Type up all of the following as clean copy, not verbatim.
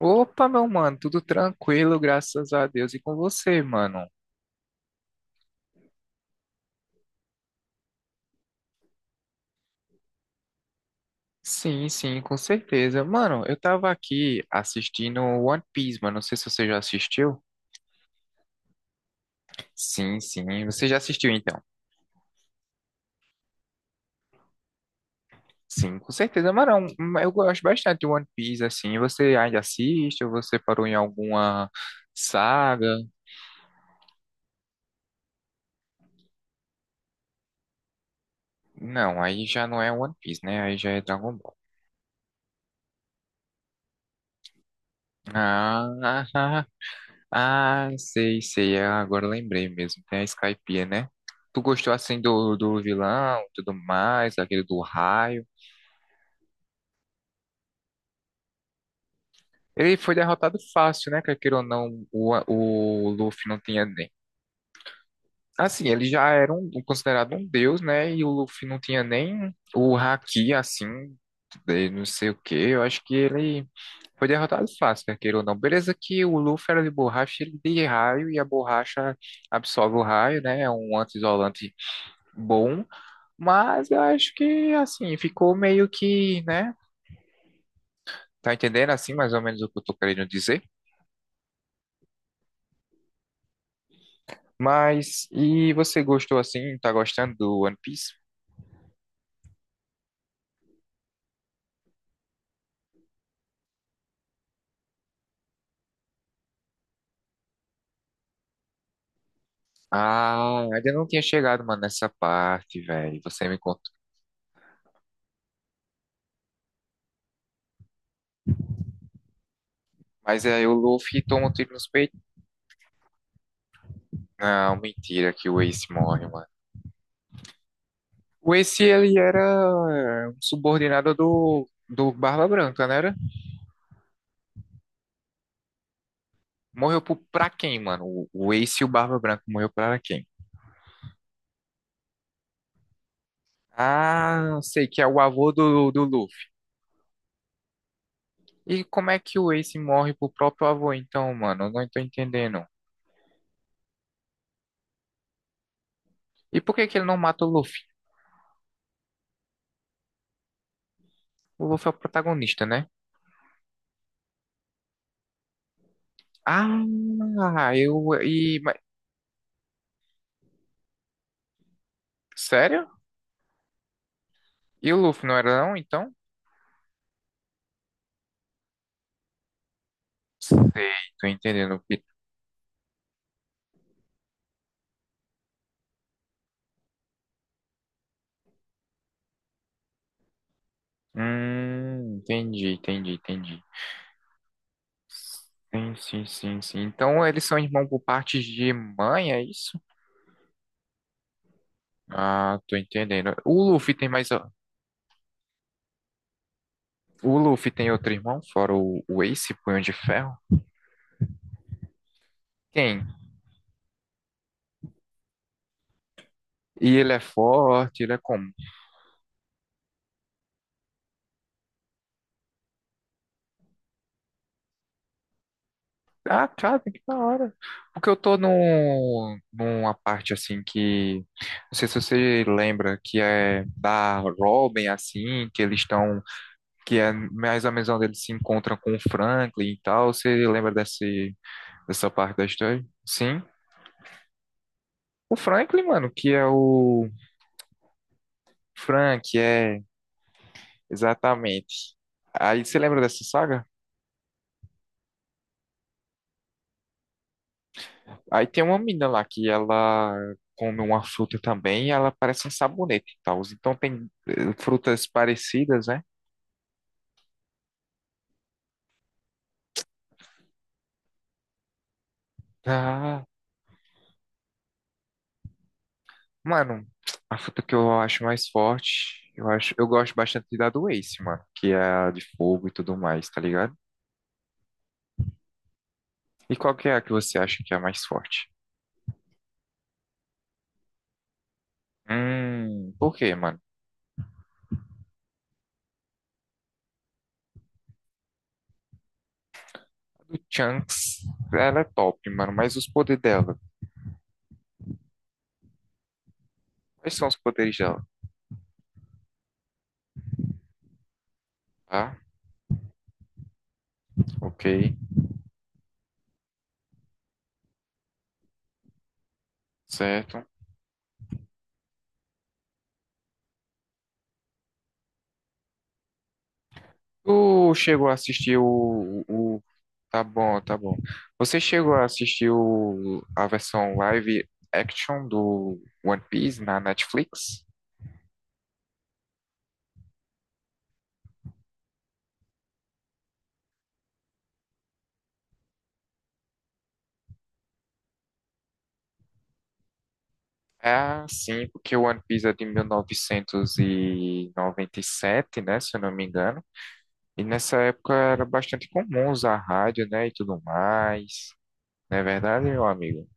Opa, meu mano, tudo tranquilo, graças a Deus. E com você, mano? Sim, sim, com certeza. Mano, eu tava aqui assistindo One Piece, mano. Não sei se você já assistiu. Sim, sim, você já assistiu então. Sim, com certeza, mano. Eu gosto bastante de One Piece, assim. Você ainda assiste ou você parou em alguma saga? Não, aí já não é One Piece, né? Aí já é Dragon Ball. Ah, Ah, sei, sei. Ah, agora eu lembrei mesmo. Tem a Skypiea, né? Tu gostou assim do vilão, tudo mais, aquele do raio. Ele foi derrotado fácil, né? Quer queira ou não, o Luffy não tinha nem. Assim, ele já era um, considerado um deus, né? E o Luffy não tinha nem o haki, assim, de não sei o quê. Eu acho que ele foi derrotado fácil, quer queira ou não. Beleza que o Luffy era de borracha, ele de raio, e a borracha absorve o raio, né? É um anti-isolante bom. Mas eu acho que, assim, ficou meio que, né? Tá entendendo, assim, mais ou menos o que eu tô querendo dizer? Mas, e você gostou, assim, tá gostando do One Piece? Ah, ainda não tinha chegado, mano, nessa parte, velho. Você me conta. Mas aí o Luffy toma um tiro nos peitos. Não, mentira que o Ace morre, mano. O Ace, ele era um subordinado do Barba Branca, né? Era? Morreu pra quem, mano? O Ace e o Barba Branca morreu pra quem? Ah, sei que é o avô do Luffy. E como é que o Ace morre pro próprio avô, então, mano? Eu não tô entendendo. E por que que ele não mata o Luffy? O Luffy é o protagonista, né? Ah, eu. Sério? E o Luffy não era não, então? Sei, tô entendendo. Entendi, entendi, entendi. Sim, sim, sim, sim. Então eles são irmãos por parte de mãe, é isso? Ah, tô entendendo. O Luffy tem mais. O Luffy tem outro irmão, fora o Ace, Punho de Ferro? Quem? E ele é forte, ele é como? Ah, cara, que da hora. Porque eu tô numa parte assim que. Não sei se você lembra, que é da Robin, assim, que eles estão. Que é mais ou menos onde eles se encontram com o Franklin e tal. Você lembra dessa parte da história? Sim. O Franklin, mano, que é o. Frank, é. Exatamente. Aí você lembra dessa saga? Aí tem uma menina lá que ela come uma fruta também e ela parece um sabonete e tal. Então tem frutas parecidas, né? Ah, mano, a fruta que eu acho mais forte, eu acho, eu gosto bastante da do Ace, mano, que é a de fogo e tudo mais, tá ligado? E qual que é a que você acha que é a mais forte? Por quê, mano? A do Chunks, ela é top, mano, mas os poderes dela, quais são os poderes dela? Tá? Ok, certo. Tu chegou a assistir o... o- Tá bom, tá bom. Você chegou a assistir a versão live action do One Piece na Netflix? É, sim, porque o One Piece é de mil novecentos e noventa e sete, né, se eu não me engano. E nessa época era bastante comum usar rádio, né, e tudo mais. Não é verdade, meu amigo?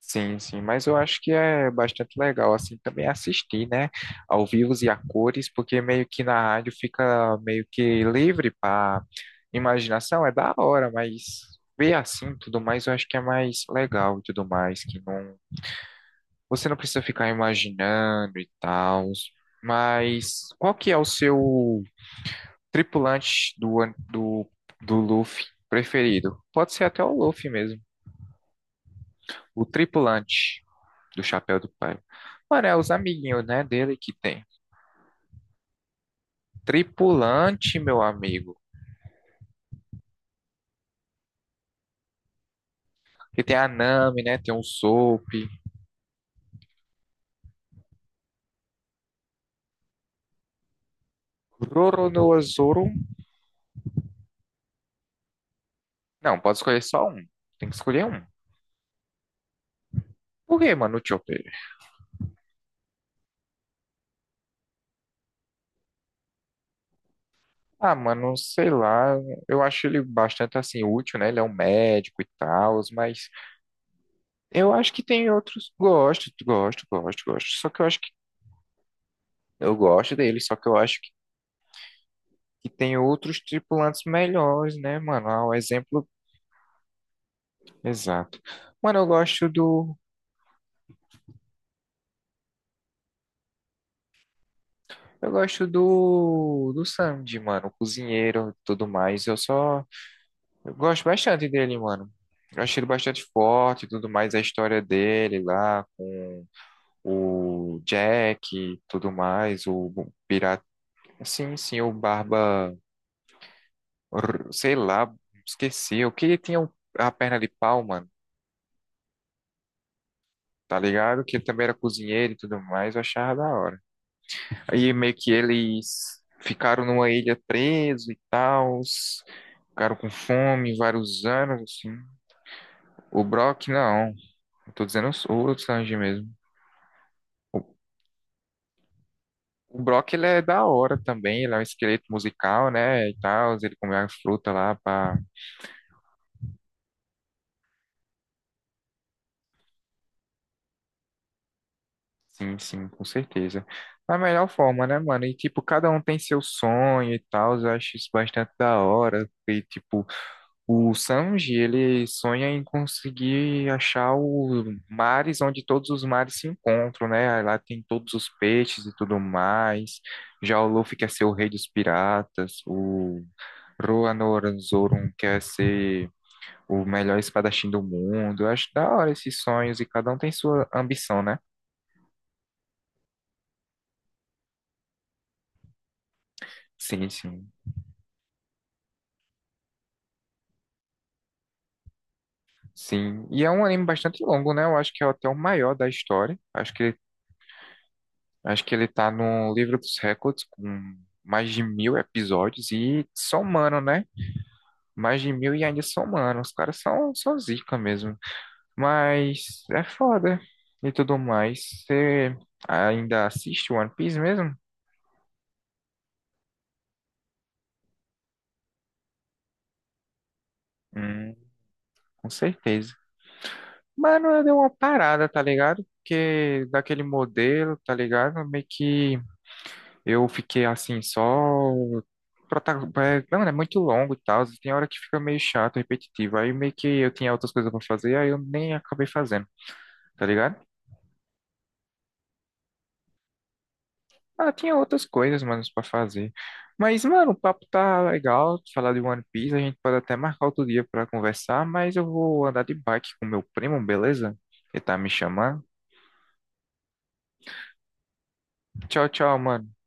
Sim, sim, mas eu acho que é bastante legal, assim, também assistir, né, ao vivo e a cores, porque meio que na rádio fica meio que livre para imaginação, é da hora, mas ver assim tudo mais eu acho que é mais legal e tudo mais, que não, você não precisa ficar imaginando e tal, mas qual que é o seu tripulante do Luffy preferido? Pode ser até o Luffy mesmo, o tripulante. Do chapéu do pai. Mano, é os amiguinhos, né, dele que tem. Tripulante, meu amigo. Que tem a Nami, né? Tem o Soap. Roronoa Zoro. Não, pode escolher só um. Tem que escolher um. Por que, mano, o Chopper? Ah, mano, sei lá. Eu acho ele bastante, assim, útil, né? Ele é um médico e tal, mas eu acho que tem outros. Gosto, gosto, gosto, gosto. Só que eu acho que. Eu gosto dele, só que eu acho que tem outros tripulantes melhores, né, mano? Ah, o exemplo. Exato. Mano, eu gosto do. Do Sandy, mano. O cozinheiro e tudo mais. Eu só. Eu gosto bastante dele, mano. Eu achei ele bastante forte e tudo mais. A história dele lá com o Jack e tudo mais. O pirata. Sim, sim, o Barba. Sei lá, esqueci. O que ele tinha a perna de pau, mano. Tá ligado? Que ele também era cozinheiro e tudo mais. Eu achava da hora. Aí meio que eles ficaram numa ilha preso e tal, ficaram com fome vários anos, assim. O Brock, não. Eu tô dizendo o Sanji mesmo. O o Brock, ele é da hora também, ele é um esqueleto musical, né, e tal, ele come a fruta lá pra... Sim, sim, com certeza. Da melhor forma, né, mano? E, tipo, cada um tem seu sonho e tal, eu acho isso bastante da hora. E, tipo, o Sanji, ele sonha em conseguir achar os mares onde todos os mares se encontram, né? Aí lá tem todos os peixes e tudo mais. Já o Luffy quer ser o rei dos piratas. O Roronoazoron quer ser o melhor espadachim do mundo. Eu acho da hora esses sonhos e cada um tem sua ambição, né? Sim, sim. Sim, e é um anime bastante longo, né? Eu acho que é até o maior da história. Acho que ele tá no livro dos recordes com mais de 1.000 episódios e somando, né? Mais de mil e ainda somando. Os caras são zica mesmo. Mas é foda e tudo mais. Você ainda assiste One Piece mesmo? Hum, com certeza. Mano, eu dei uma parada, tá ligado? Porque daquele modelo, tá ligado? Meio que eu fiquei assim, só. prota- é, não, é muito longo e tal. Tem hora que fica meio chato, repetitivo. Aí meio que eu tinha outras coisas pra fazer, aí eu nem acabei fazendo, tá ligado? Ah, tinha outras coisas, mano, pra fazer. Mas, mano, o papo tá legal. Falar de One Piece, a gente pode até marcar outro dia pra conversar. Mas eu vou andar de bike com meu primo, beleza? Ele tá me chamando. Tchau, tchau, mano.